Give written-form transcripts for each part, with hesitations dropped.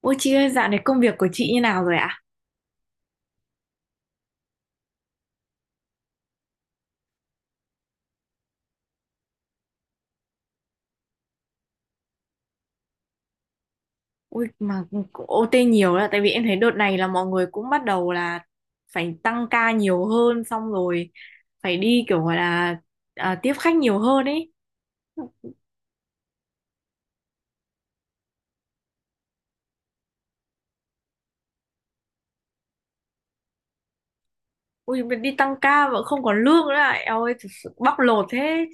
Ôi chị ơi, dạo này công việc của chị như nào rồi ạ? Ôi mà cũng OT nhiều là tại vì em thấy đợt này là mọi người cũng bắt đầu là phải tăng ca nhiều hơn, xong rồi phải đi kiểu gọi là tiếp khách nhiều hơn ấy. Ôi mà đi tăng ca mà không còn lương nữa ạ. Eo ơi, thật sự bóc lột thế.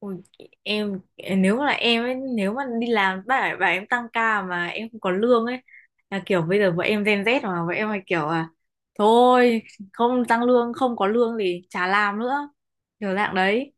Ui, em nếu mà là em ấy, nếu mà đi làm bà em tăng ca mà em không có lương ấy, là kiểu bây giờ vợ em Gen Z mà vợ em hay kiểu thôi, không tăng lương không có lương thì chả làm nữa, kiểu dạng đấy.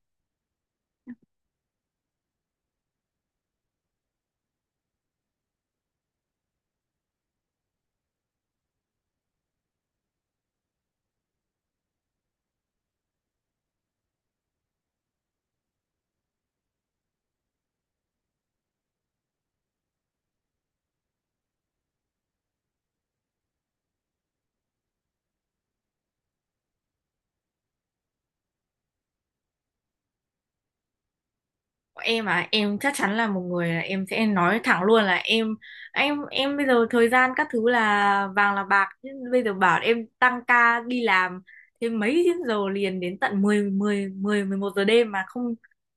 Em à, em chắc chắn là một người là em sẽ nói thẳng luôn là em bây giờ thời gian các thứ là vàng là bạc, chứ bây giờ bảo em tăng ca đi làm thêm mấy tiếng giờ liền đến tận 10 11 giờ đêm mà không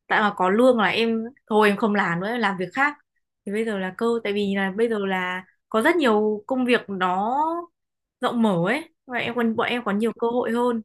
tại mà có lương là em thôi, em không làm nữa em làm việc khác. Thì bây giờ là cơ tại vì là bây giờ là có rất nhiều công việc nó rộng mở ấy, và em còn bọn em có nhiều cơ hội hơn.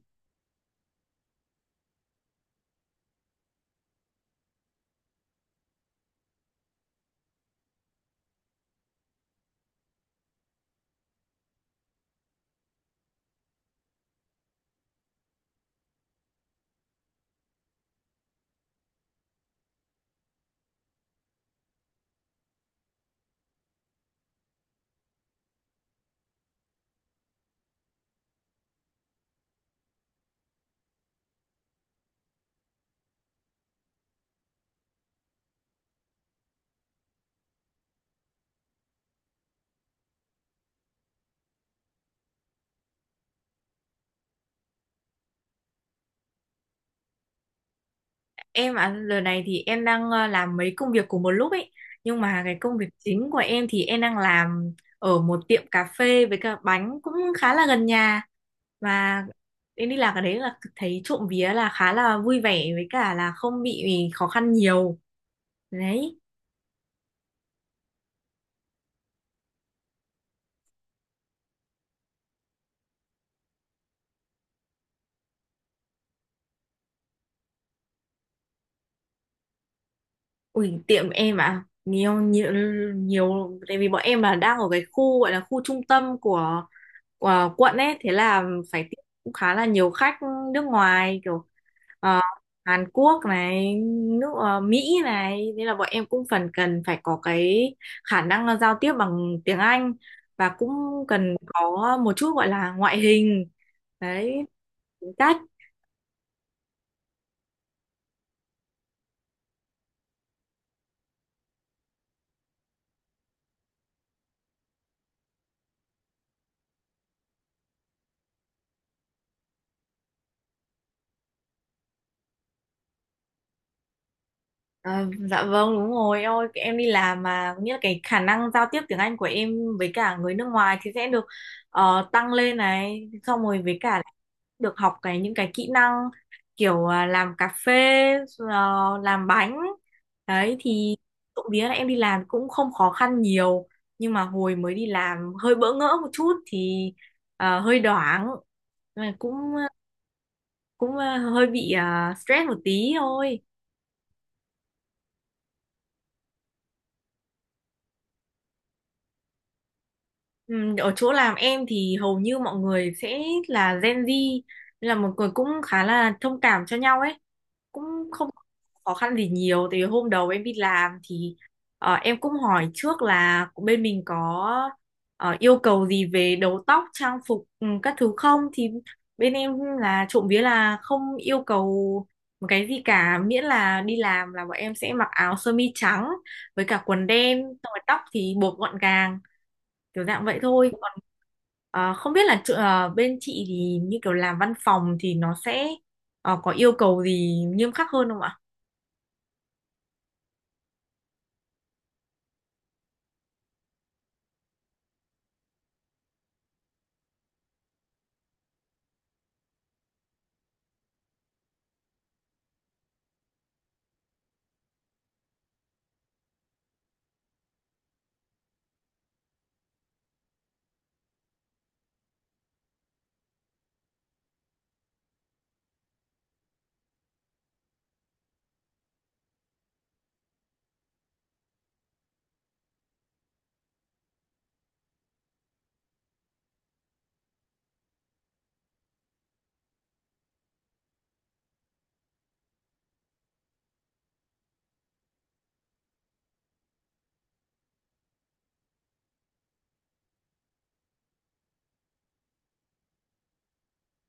Em ạ, giờ này thì em đang làm mấy công việc cùng một lúc ấy. Nhưng mà cái công việc chính của em thì em đang làm ở một tiệm cà phê với cả bánh, cũng khá là gần nhà. Và em đi làm cái đấy là thấy trộm vía là khá là vui vẻ với cả là không bị khó khăn nhiều. Đấy. Ui, tiệm em ạ, nhiều, nhiều, nhiều, tại vì bọn em là đang ở cái khu gọi là khu trung tâm của quận ấy. Thế là phải tiếp cũng khá là nhiều khách nước ngoài kiểu Ờ, Hàn Quốc này, nước Mỹ này, nên là bọn em cũng phần cần phải có cái khả năng giao tiếp bằng tiếng Anh, và cũng cần có một chút gọi là ngoại hình. Đấy, tính cách. À, dạ vâng đúng rồi, ôi em đi làm mà nghĩa là cái khả năng giao tiếp tiếng Anh của em với cả người nước ngoài thì sẽ được tăng lên này, xong rồi với cả được học cái những cái kỹ năng kiểu làm cà phê, làm bánh đấy thì trộm vía là em đi làm cũng không khó khăn nhiều, nhưng mà hồi mới đi làm hơi bỡ ngỡ một chút thì hơi đoảng. Nhưng mà cũng cũng hơi bị stress một tí thôi. Ừ, ở chỗ làm em thì hầu như mọi người sẽ là Gen Z nên là mọi người cũng khá là thông cảm cho nhau ấy, cũng không khó khăn gì nhiều. Thì hôm đầu em đi làm thì em cũng hỏi trước là bên mình có yêu cầu gì về đầu tóc trang phục, ừ, các thứ không, thì bên em là trộm vía là không yêu cầu một cái gì cả, miễn là đi làm là bọn em sẽ mặc áo sơ mi trắng với cả quần đen, xong rồi tóc thì buộc gọn gàng, kiểu dạng vậy thôi. Còn à, không biết là chỗ- à, bên chị thì như kiểu làm văn phòng thì nó sẽ có yêu cầu gì nghiêm khắc hơn không ạ?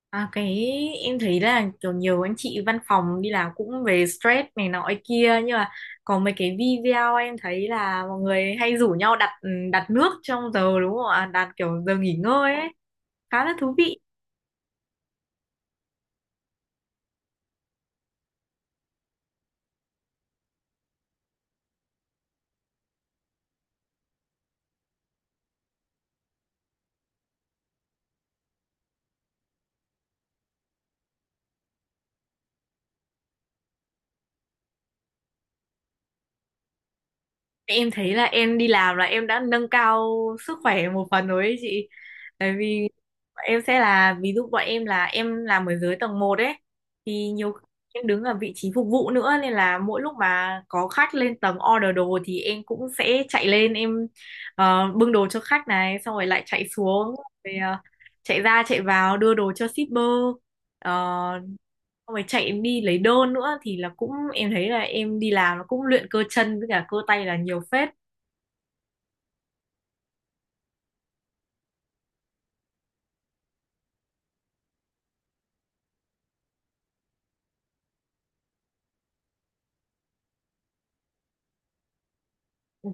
À, cái Em thấy là kiểu nhiều anh chị văn phòng đi làm cũng về stress này nọ ấy kia, nhưng mà có mấy cái video em thấy là mọi người hay rủ nhau đặt, ừ, đặt nước trong giờ đúng không ạ, đặt kiểu giờ nghỉ ngơi ấy, khá là thú vị. Em thấy là em đi làm là em đã nâng cao sức khỏe một phần rồi ấy chị. Tại vì bọn em sẽ là ví dụ bọn em là em làm ở dưới tầng một ấy, thì nhiều khi em đứng ở vị trí phục vụ nữa, nên là mỗi lúc mà có khách lên tầng order đồ thì em cũng sẽ chạy lên em bưng đồ cho khách này xong rồi lại chạy xuống, rồi chạy ra chạy vào đưa đồ cho shipper. Ờ, xong rồi chạy em đi lấy đôn nữa thì là cũng em thấy là em đi làm nó cũng luyện cơ chân với cả cơ tay là nhiều phết.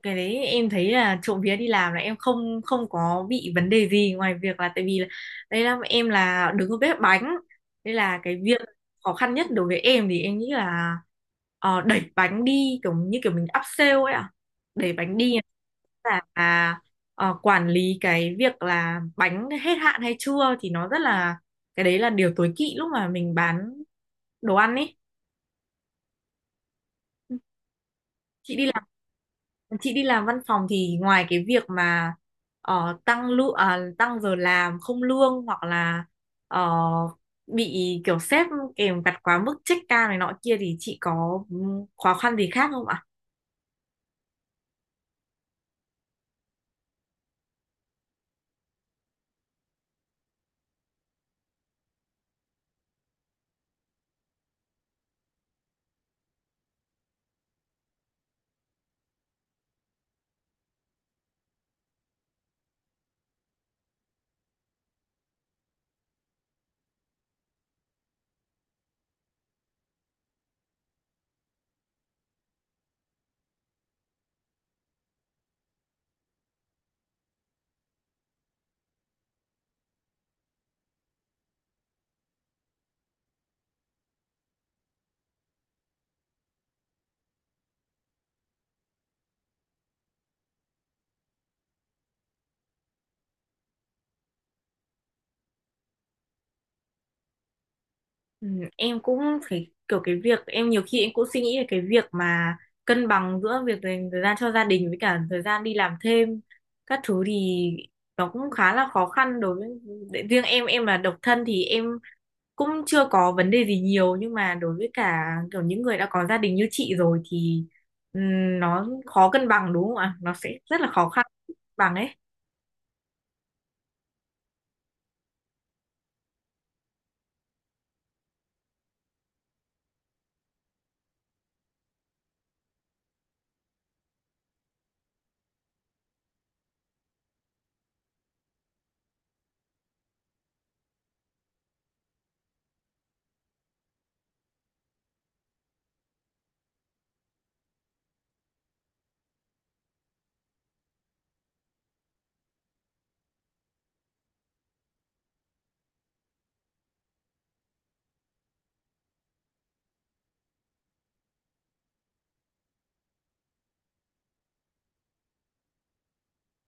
Cái đấy em thấy là trộm vía đi làm là em không, có bị vấn đề gì ngoài việc là tại vì là, đây là em là đứng ở bếp bánh, đây là cái việc khó khăn nhất đối với em thì em nghĩ là đẩy bánh đi kiểu như kiểu mình áp sale ấy ạ, đẩy bánh đi là quản lý cái việc là bánh hết hạn hay chưa thì nó rất là, cái đấy là điều tối kỵ lúc mà mình bán đồ ăn ấy. Chị đi làm, chị đi làm văn phòng thì ngoài cái việc mà tăng lương tăng giờ làm không lương, hoặc là ờ, bị kiểu sếp kèm vặt quá mức check ca này nọ kia, thì chị có, ừ, khó khăn gì khác không ạ? Ừ, em cũng phải kiểu cái việc em nhiều khi em cũng suy nghĩ về cái việc mà cân bằng giữa việc dành thời gian cho gia đình với cả thời gian đi làm thêm các thứ, thì nó cũng khá là khó khăn đối với riêng em là độc thân thì em cũng chưa có vấn đề gì nhiều, nhưng mà đối với cả kiểu những người đã có gia đình như chị rồi thì nó khó cân bằng đúng không ạ? Nó sẽ rất là khó khăn bằng ấy.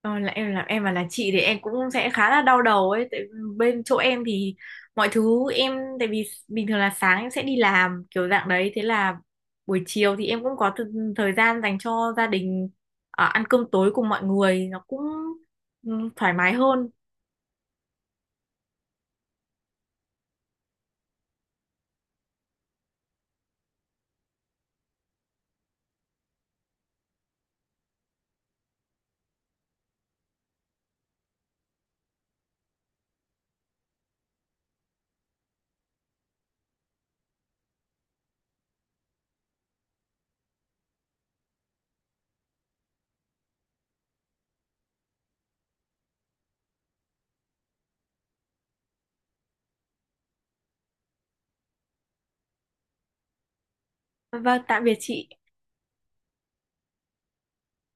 Ờ, là em mà là chị thì em cũng sẽ khá là đau đầu ấy, tại bên chỗ em thì mọi thứ em tại vì bình thường là sáng em sẽ đi làm kiểu dạng đấy, thế là buổi chiều thì em cũng có thời gian dành cho gia đình, ăn cơm tối cùng mọi người nó cũng, ừ, thoải mái hơn. Vâng, tạm biệt chị.